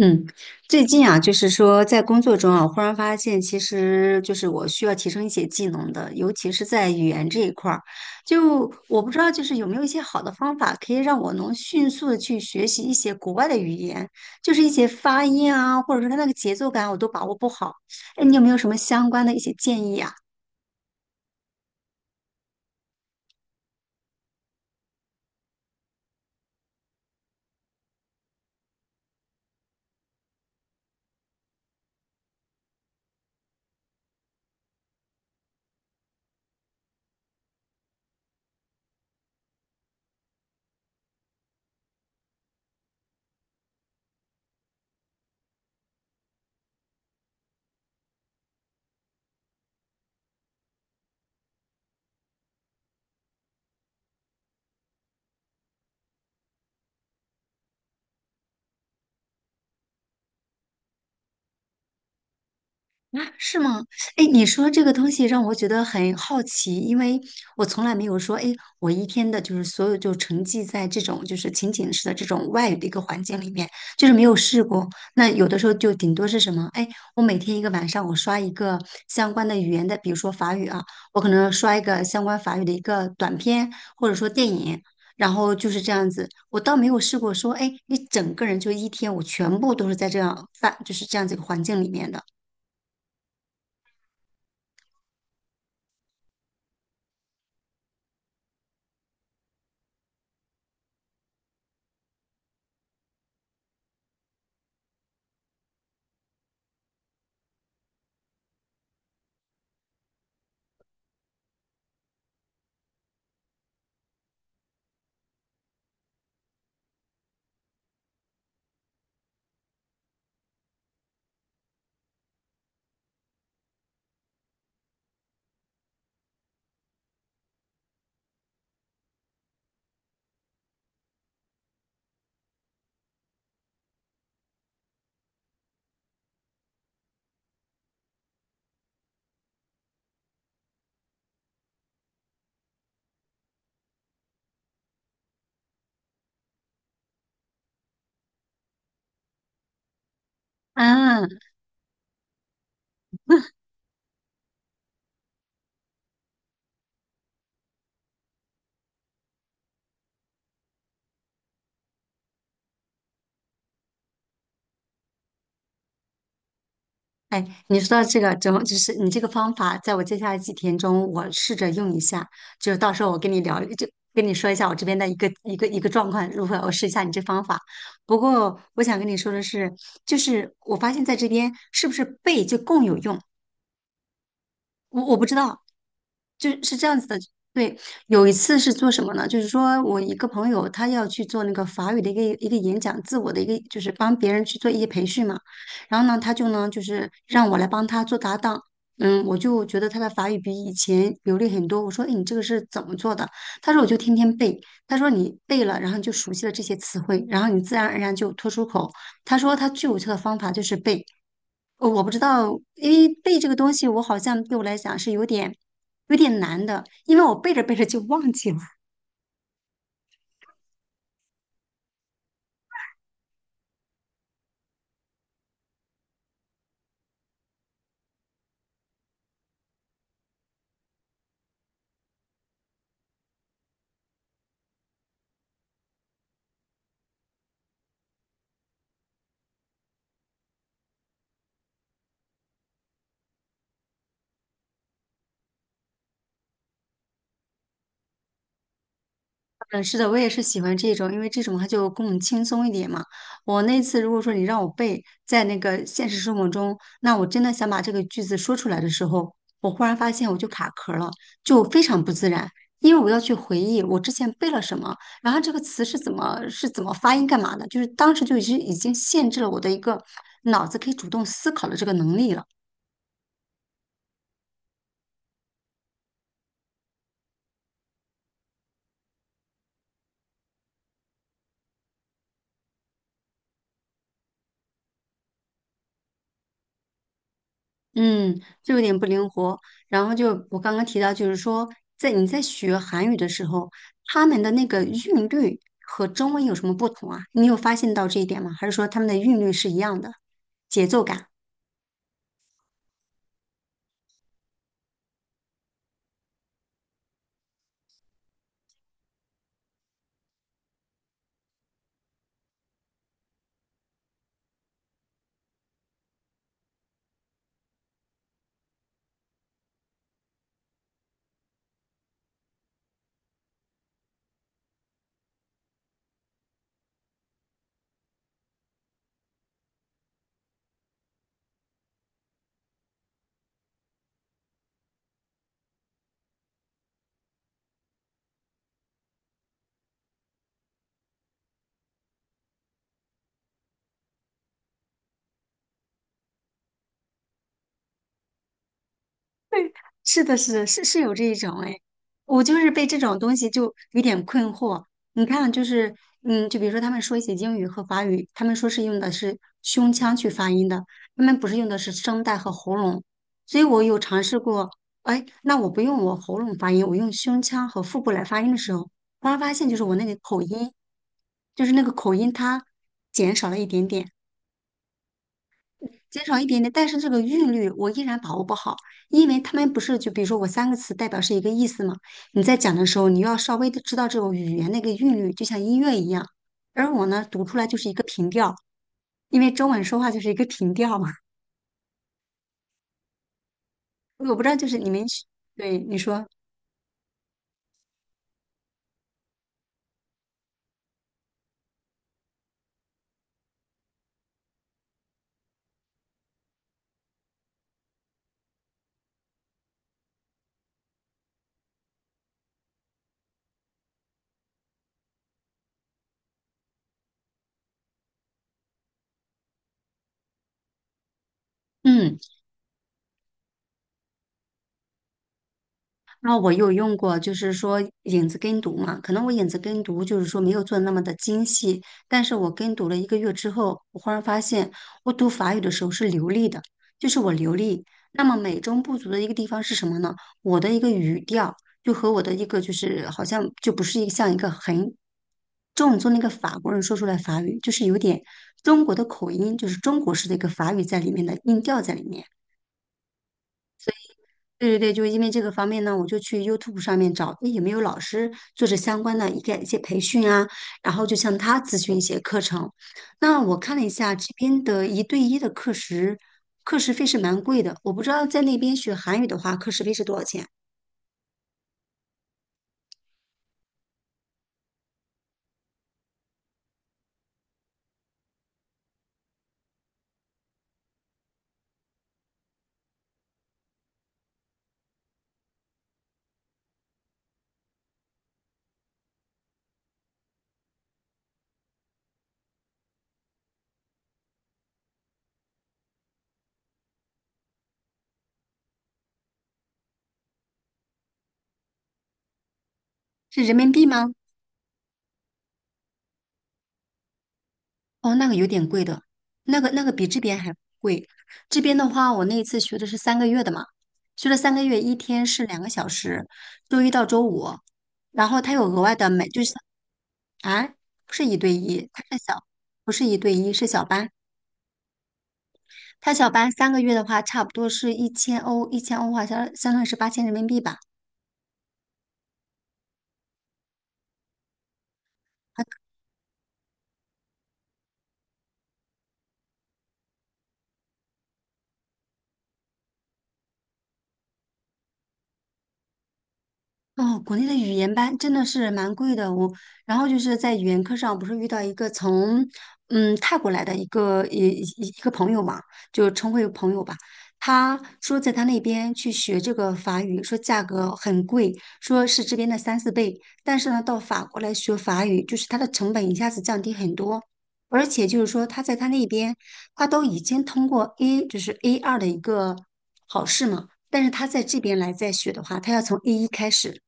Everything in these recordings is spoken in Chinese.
嗯，最近啊，就是说在工作中啊，忽然发现，其实就是我需要提升一些技能的，尤其是在语言这一块儿。就我不知道，就是有没有一些好的方法，可以让我能迅速的去学习一些国外的语言，就是一些发音啊，或者说它那个节奏感，我都把握不好。哎，你有没有什么相关的一些建议啊？啊，是吗？哎，你说这个东西让我觉得很好奇，因为我从来没有说，哎，我一天的就是所有就沉浸在这种就是情景式的这种外语的一个环境里面，就是没有试过。那有的时候就顶多是什么？哎，我每天一个晚上我刷一个相关的语言的，比如说法语啊，我可能刷一个相关法语的一个短片，或者说电影。然后就是这样子，我倒没有试过说，哎，你整个人就一天，我全部都是在这样范，就是这样子一个环境里面的。啊，哎，你说到这个，怎么就是你这个方法，在我接下来几天中，我试着用一下。就是到时候我跟你聊，就跟你说一下我这边的一个状况如何，我试一下你这方法。不过我想跟你说的是，就是我发现在这边是不是背就更有用？我不知道，就是这样子的。对，有一次是做什么呢？就是说我一个朋友他要去做那个法语的一个演讲，自我的一个就是帮别人去做一些培训嘛。然后呢，他就让我来帮他做搭档。嗯，我就觉得他的法语比以前流利很多。我说，哎，你这个是怎么做的？他说我就天天背。他说你背了，然后你就熟悉了这些词汇，然后你自然而然就脱出口。他说他最有效的方法就是背。我不知道，因为背这个东西，我好像对我来讲是有点难的，因为我背着背着就忘记了。嗯，是的，我也是喜欢这种，因为这种它就更轻松一点嘛。我那次如果说你让我背在那个现实生活中，那我真的想把这个句子说出来的时候，我忽然发现我就卡壳了，就非常不自然，因为我要去回忆我之前背了什么，然后这个词是怎么发音干嘛的，就是当时就已经限制了我的一个脑子可以主动思考的这个能力了。嗯，就有点不灵活。然后就我刚刚提到，就是说，在你在学韩语的时候，他们的那个韵律和中文有什么不同啊？你有发现到这一点吗？还是说他们的韵律是一样的，节奏感？是的，是的，是有这一种哎，我就是被这种东西就有点困惑。你看，就是嗯，就比如说他们说一些英语和法语，他们说是用的是胸腔去发音的，他们不是用的是声带和喉咙。所以我有尝试过，哎，那我不用我喉咙发音，我用胸腔和腹部来发音的时候，忽然发现就是我那个口音，就是那个口音它减少了一点点。减少一点点，但是这个韵律我依然把握不好，因为他们不是就比如说我三个词代表是一个意思嘛，你在讲的时候，你要稍微的知道这种语言那个韵律，就像音乐一样。而我呢，读出来就是一个平调，因为中文说话就是一个平调嘛。我不知道，就是你们对你说，嗯。那我有用过，就是说影子跟读嘛，可能我影子跟读就是说没有做那么的精细，但是我跟读了一个月之后，我忽然发现我读法语的时候是流利的，就是我流利。那么美中不足的一个地方是什么呢？我的一个语调就和我的一个就是好像就不是一个像一个很正宗的一个法国人说出来法语，就是有点中国的口音，就是中国式的一个法语在里面的音调在里面。对对对，就是因为这个方面呢，我就去 YouTube 上面找，诶有没有老师做这相关的一个一些培训啊，然后就向他咨询一些课程。那我看了一下这边的一对一的课时，课时费是蛮贵的，我不知道在那边学韩语的话，课时费是多少钱？是人民币吗？哦，那个有点贵的，那个那个比这边还贵。这边的话，我那一次学的是三个月的嘛，学了三个月，一天是2个小时，周一到周五，然后他有额外的每就是啊，不是一对一，他是小，不是一对一，是小班。他小班三个月的话，差不多是一千欧，一千欧的话相当于是8000人民币吧。哦，国内的语言班真的是蛮贵的。我，然后就是在语言课上，不是遇到一个从泰国来的一个朋友嘛，就称为朋友吧。他说在他那边去学这个法语，说价格很贵，说是这边的三四倍。但是呢，到法国来学法语，就是他的成本一下子降低很多。而且就是说，他在他那边，他都已经通过 A，就是 A2的一个考试嘛。但是他在这边来再学的话，他要从 A1开始。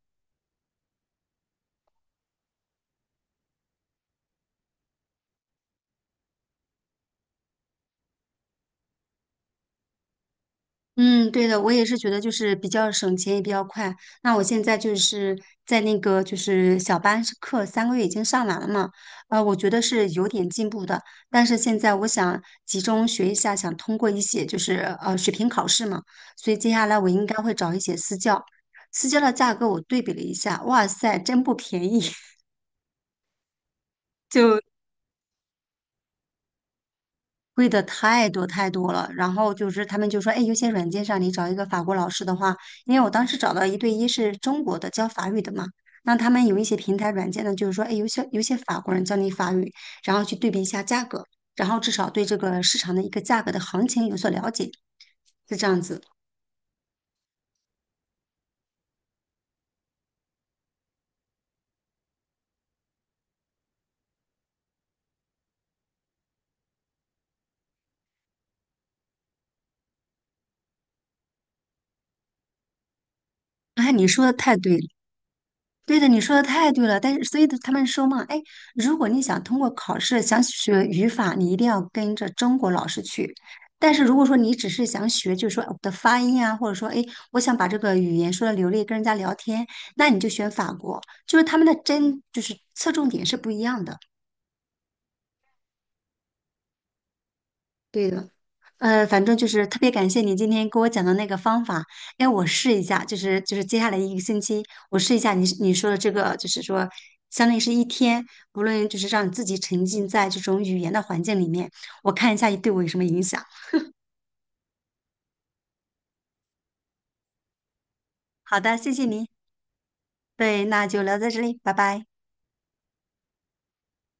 嗯，对的，我也是觉得就是比较省钱也比较快。那我现在就是在那个就是小班是课三个月已经上完了嘛，我觉得是有点进步的。但是现在我想集中学一下，想通过一些就是水平考试嘛，所以接下来我应该会找一些私教。私教的价格我对比了一下，哇塞，真不便宜，就。贵的太多太多了，然后就是他们就说，哎，有些软件上你找一个法国老师的话，因为我当时找到一对一是中国的教法语的嘛，那他们有一些平台软件呢，就是说，哎，有些法国人教你法语，然后去对比一下价格，然后至少对这个市场的一个价格的行情有所了解，是这样子。哎，你说的太对了，对的，你说的太对了。但是，所以他们说嘛，哎，如果你想通过考试想学语法，你一定要跟着中国老师去。但是如果说你只是想学，就是说我的发音啊，或者说哎，我想把这个语言说的流利，跟人家聊天，那你就选法国，就是他们的针就是侧重点是不一样的。对的。反正就是特别感谢你今天给我讲的那个方法，哎，我试一下，就是接下来一个星期，我试一下你说的这个，就是说，相当于是一天，无论就是让你自己沉浸在这种语言的环境里面，我看一下对我有什么影响。好的，谢谢你。对，那就聊到这里，拜拜。